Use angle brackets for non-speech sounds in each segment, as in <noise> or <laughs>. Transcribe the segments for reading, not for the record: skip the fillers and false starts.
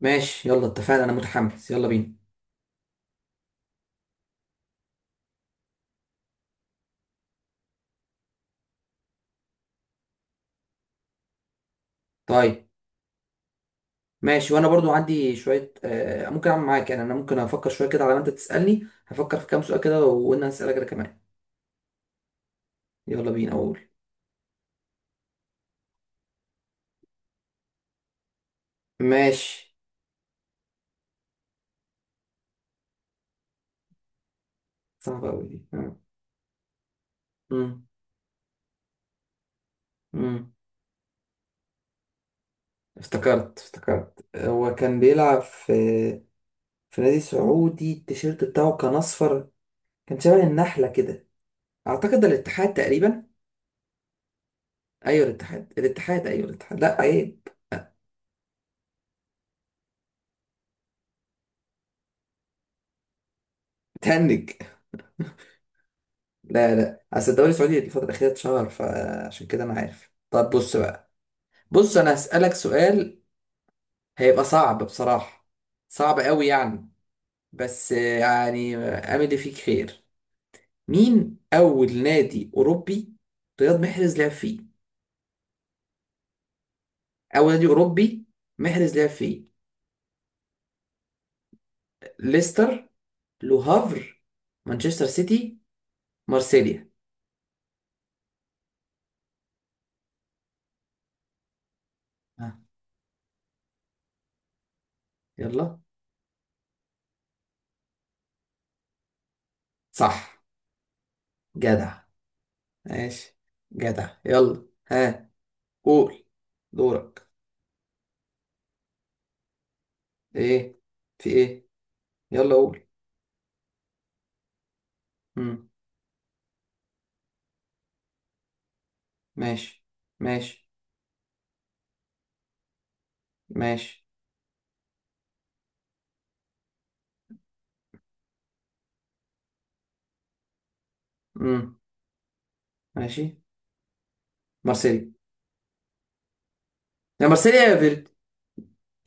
ماشي، يلا اتفقنا، انا متحمس، يلا بينا. طيب. ماشي، وانا برضو عندي شويه، ممكن اعمل معاك. يعني انا ممكن افكر شويه كده على ما انت تسالني. هفكر في كام سؤال كده وانا هسالك انا كمان. يلا بينا اقول. ماشي. صعبه قوي دي. مم. مم. افتكرت هو كان بيلعب في نادي سعودي، التيشيرت بتاعه كان اصفر، كان شبه النحله كده. اعتقد ده الاتحاد تقريبا. ايوه الاتحاد، الاتحاد، ايوه الاتحاد، لا ايه. تهنج. لا لا، اصل الدوري السعودي الفترة الأخيرة اتشهر، فعشان كده أنا عارف. طب بص بقى، بص أنا هسألك سؤال. هيبقى صعب بصراحة، صعب قوي يعني. بس يعني أمل فيك خير. مين أول نادي أوروبي رياض محرز لعب فيه؟ أول نادي أوروبي محرز لعب فيه. ليستر، لو هافر، مانشستر سيتي، مارسيليا. ها؟ يلا. صح. جدع. ماشي. جدع، يلا. ها، قول. دورك. ايه؟ في ايه؟ يلا قول. امم. ماشي. ماشي. ماشي. امم. ماشي. مارسيليا. يا مارسيليا يا فيرت،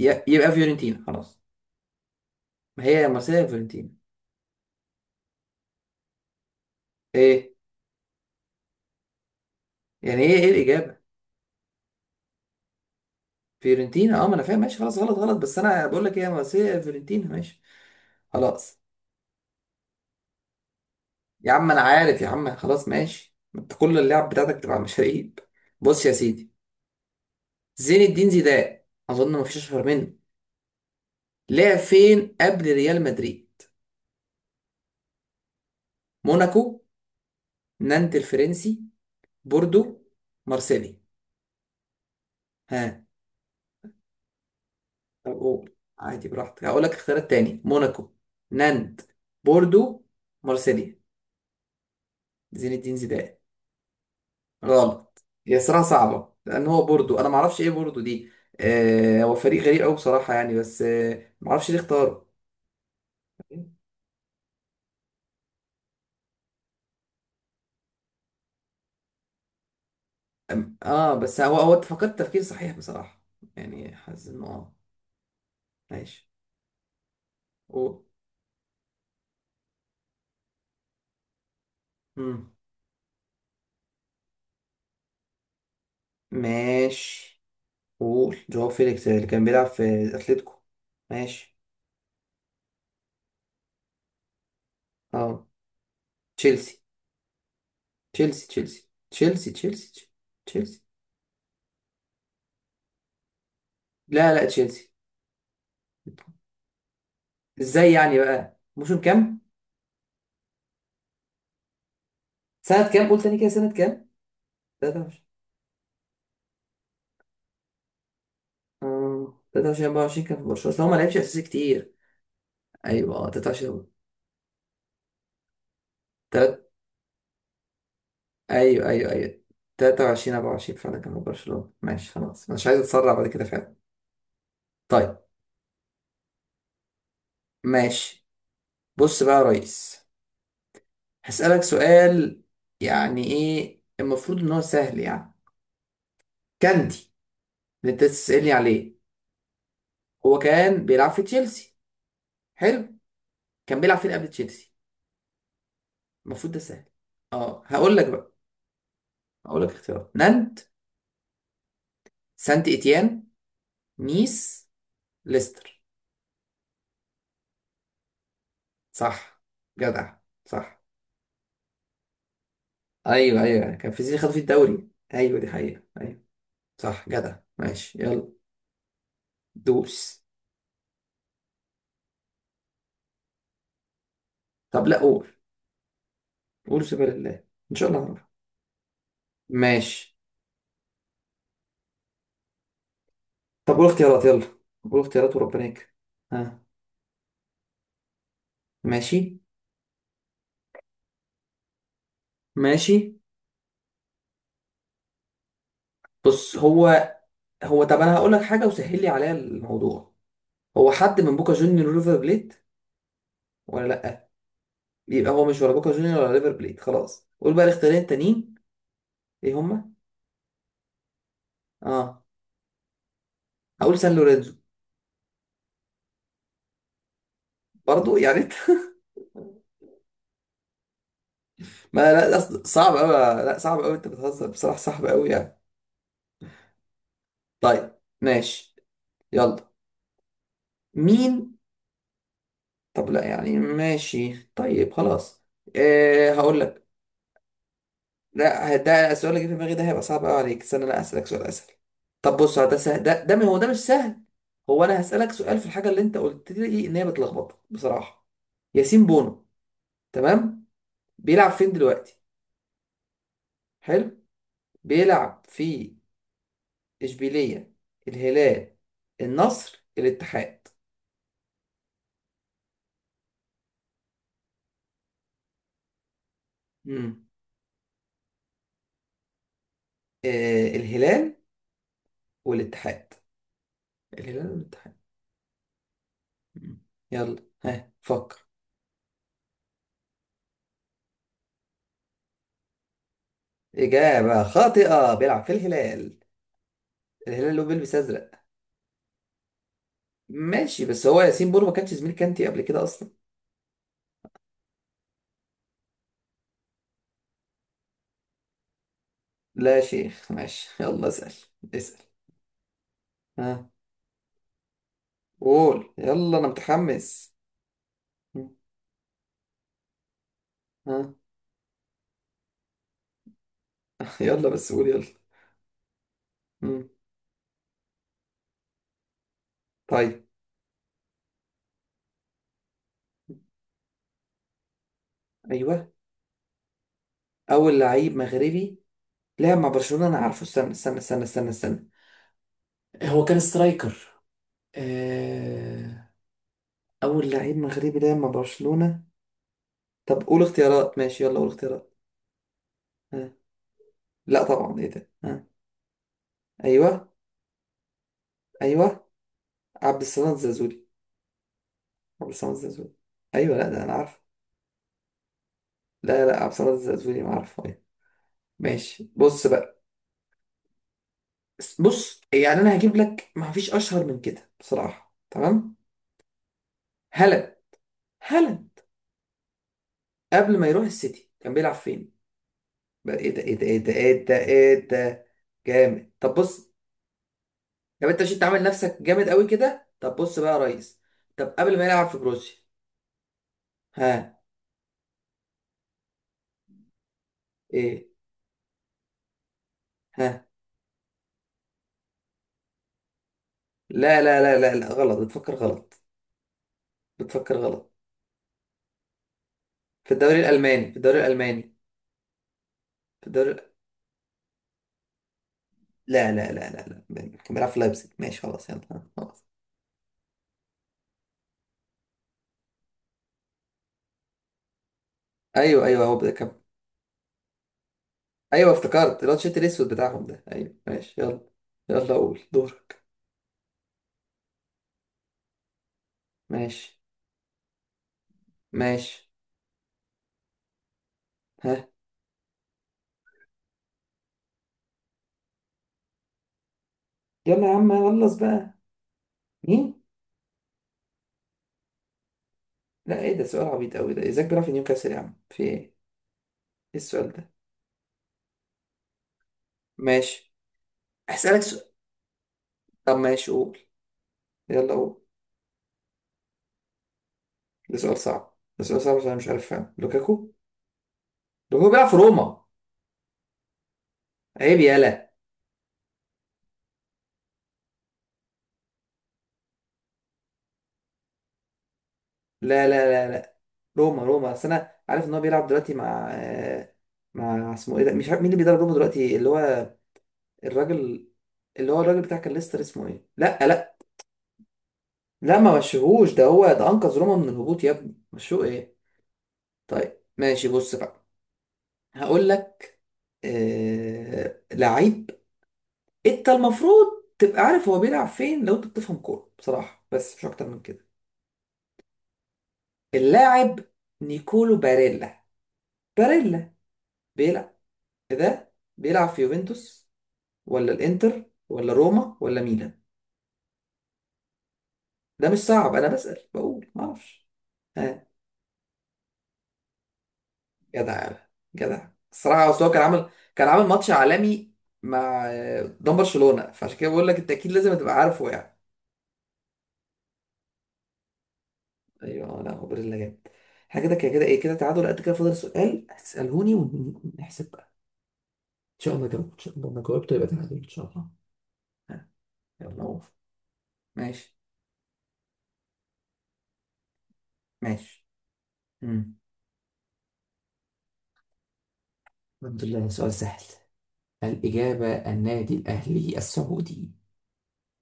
يبقى فيورنتينا خلاص. ما هي يا مارسيليا يا فيورنتينا. ايه؟ يعني ايه؟ ايه الاجابه؟ فيورنتينا، اه ما انا فاهم. ماشي خلاص، غلط غلط، بس انا بقول لك ايه، يا مارسيليا يا فيورنتينا. ماشي خلاص يا عم، انا عارف يا عم، خلاص ماشي، ما انت كل اللعب بتاعتك بتبقى مشاريب. بص يا سيدي، زين الدين زيدان، اظن ما فيش اشهر منه. لعب فين قبل ريال مدريد؟ موناكو، نانت الفرنسي، بوردو، مارسيلي. ها؟ طب قول عادي، براحتك. هقول لك اختيارات تاني. موناكو، نانت، بوردو، مارسيليا. زين الدين زيدان. غلط هي، صراحة صعبة، لأن هو بوردو، أنا معرفش إيه بوردو دي. هو فريق غريب أوي بصراحة يعني، بس معرفش ليه اختاره. أم- بس هو، هو فكرت تفكير صحيح بصراحة. يعني حاسس إنه. ماشي. قول. مم. ماشي. قول جواو فيليكس اللي كان بيلعب في اتلتيكو. ماشي. اه، تشيلسي تشيلسي تشيلسي تشيلسي تشيلسي تشيلسي. لا لا، تشيلسي. ازاي يعني؟ بقى موسم كام؟ سنة كام؟ قول تاني كده سنة كام. 23. اه 23 24 كان في برشلونة، أصل هو ما لعبش اساسي كتير. ايوه، اه 23. تلات، ايوه ايوه ايوه، 23 24 فعلا كان في برشلونة. ماشي خلاص، انا مش عايز اتسرع بعد كده فعلا. طيب. ماشي بص بقى يا ريس، هسألك سؤال. يعني ايه؟ المفروض ان هو سهل يعني. كاندي، اللي انت تسألني عليه. هو كان بيلعب في تشيلسي، حلو. كان بيلعب فين قبل تشيلسي؟ المفروض ده سهل. اه، هقول لك بقى. هقول لك اختيارات: نانت، سانت اتيان، نيس، ليستر. صح، جدع. صح، ايوه ايوه، كان في زيزي خد فيه الدوري. ايوه دي حقيقة، ايوه. صح، جدع، ماشي يلا. دوس. طب لا قول. قول، سبحان الله. ان شاء الله هعرف. ماشي. طب قول اختيارات يلا، قول اختيارات وربنا يكرم. ها؟ ماشي. ماشي. بص هو، هو، طب انا هقول لك حاجه وسهل لي عليها الموضوع. هو حد من بوكا جونيور ريفر بليت ولا لا؟ يبقى هو مش ولا بوكا جونيور ولا ريفر بليت خلاص. قول بقى الاختيارين التانيين، ايه هما؟ اه، هقول سان لورينزو. برضو يعني انت. <laughs> ما لا، أصل صعب قوي. لا، صعب قوي، انت بتهزر، بصراحه صعب قوي يعني. طيب. ماشي. يلا. مين؟ طب لا، يعني ماشي، طيب خلاص. أه، هقول لك. لا، ده السؤال اللي جه في دماغي ده هيبقى صعب قوي عليك. استنى، انا اسالك سؤال اسهل. طب بص ده سهل، ده ده هو، ده مش سهل. هو انا هسالك سؤال في الحاجه اللي انت قلت لي ان هي بتلخبطك بصراحه. ياسين بونو. تمام. بيلعب فين دلوقتي؟ حلو. بيلعب في اشبيليه، الهلال، النصر، الاتحاد. امم. آه، الهلال والاتحاد. الهلال والاتحاد. مم. يلا، ها، فكر. اجابه خاطئه، بيلعب في الهلال. الهلال اللي هو بيلبس ازرق. ماشي، بس هو ياسين بونو ما كانش زميل كانتي قبل كده اصلا. لا يا شيخ، ماشي، يلا اسال. اسال. ها؟ قول يلا، انا متحمس. مم. ها. <laughs> يلا بس قول يلا. مم. طيب. ايوه، اول لعيب مغربي لعب مع برشلونة، انا عارفه. استنى استنى استنى استنى استنى. هو كان سترايكر. آه، اول لعيب مغربي لعب مع برشلونة. طب قول اختيارات، ماشي، يلا قول اختيارات. ها؟ لا طبعا، ايه ده؟ ها. ايوه. ايوه عبد السلام زازولي. عبد الصمد الزازولي. ايوه، لا ده انا عارف. لا لا، عبد الصمد الزازولي، ما عارفه ايه. ماشي بص بقى، بص يعني انا هجيب لك ما فيش اشهر من كده بصراحه، تمام؟ هلا. هلا. قبل ما يروح السيتي كان بيلعب فين؟ بقى ايه ده، ايه ده، ايه ده، ايه ده، ايه ده؟ جامد. طب بص. طب انت مش، انت عامل نفسك جامد قوي كده. طب بص بقى يا ريس. طب قبل ما يلعب في بروسيا؟ ها؟ ايه؟ ها؟ لا لا لا لا لا، غلط، بتفكر غلط، بتفكر غلط. في الدوري الالماني، في الدوري الالماني، في الدوري. لا لا لا لا لا، كان بيلعب في لايبزيج. ماشي خلاص، يلا خلاص. ايوه ايوه، هو كان. ايوه افتكرت، اللي هو التيشيرت الاسود بتاعهم ده، ايوه. ماشي، يلا. يلا، قول، دورك. ماشي. ماشي. ها. يلا يا عم، خلص بقى. مين؟ لا ايه ده، سؤال عبيط قوي ده، ازاي؟ بيلعب في نيوكاسل يا عم، في ايه؟ ايه السؤال ده؟ ماشي. هسألك سؤال. طب ماشي قول. يلا قول. ده سؤال صعب، ده سؤال صعب عشان أنا مش عارف، فاهم؟ لوكاكو، لوكاكو بيلعب في روما. عيب، يالا. لا لا لا لا، روما روما، بس انا عارف ان هو بيلعب دلوقتي مع، مع اسمه ايه ده، مش عارف مين اللي بيدرب روما دلوقتي، اللي هو الراجل، اللي هو الراجل بتاع كان ليستر، اسمه ايه؟ لا لا. لا ما مشيهوش، ده هو ده انقذ روما من الهبوط يا ابني، مشوه ايه؟ طيب ماشي، بص بقى، هقول لك لعيب. انت المفروض تبقى عارف هو بيلعب فين لو انت بتفهم كوره بصراحه، بس مش اكتر من كده. اللاعب نيكولو باريلا. باريلا. بيلعب، إيه ده، بيلعب في يوفنتوس، ولا الانتر، ولا روما، ولا ميلان؟ ده مش صعب، انا بسأل بقول ما اعرفش. ها؟ جدع يا بابا. جدع الصراحه، اصل هو كان عامل، كان عامل ماتش عالمي مع، قدام برشلونه، فعشان كده بقول لك انت اكيد لازم تبقى عارفه يعني. ايوه، لا هو بريلا جامد. احنا كده كده كده ايه كده، تعادل قد كده، فاضل سؤال هتسالهوني ونحسب بقى. ان شاء الله جاوبت، ان شاء الله ما جاوبت يبقى تعادل ان شاء الله. ها. يلا هو. ماشي. ماشي. امم. الحمد لله، سؤال سهل. الإجابة النادي الأهلي السعودي.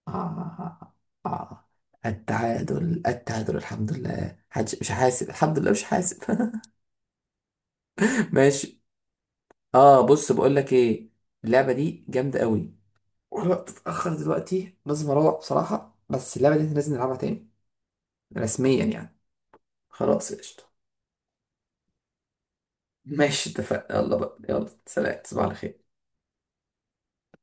آه آه. آه. التعادل، التعادل، الحمد لله، حدش مش حاسب، الحمد لله مش حاسب. <laughs> ماشي. اه، بص بقول لك ايه، اللعبة دي جامدة قوي، والوقت اتأخر دلوقتي، لازم اروح بصراحة، بس اللعبة دي إحنا لازم نلعبها تاني، رسميا يعني. خلاص قشطة، ماشي اتفقنا، يلا بقى، يلا سلام، تصبح على خير.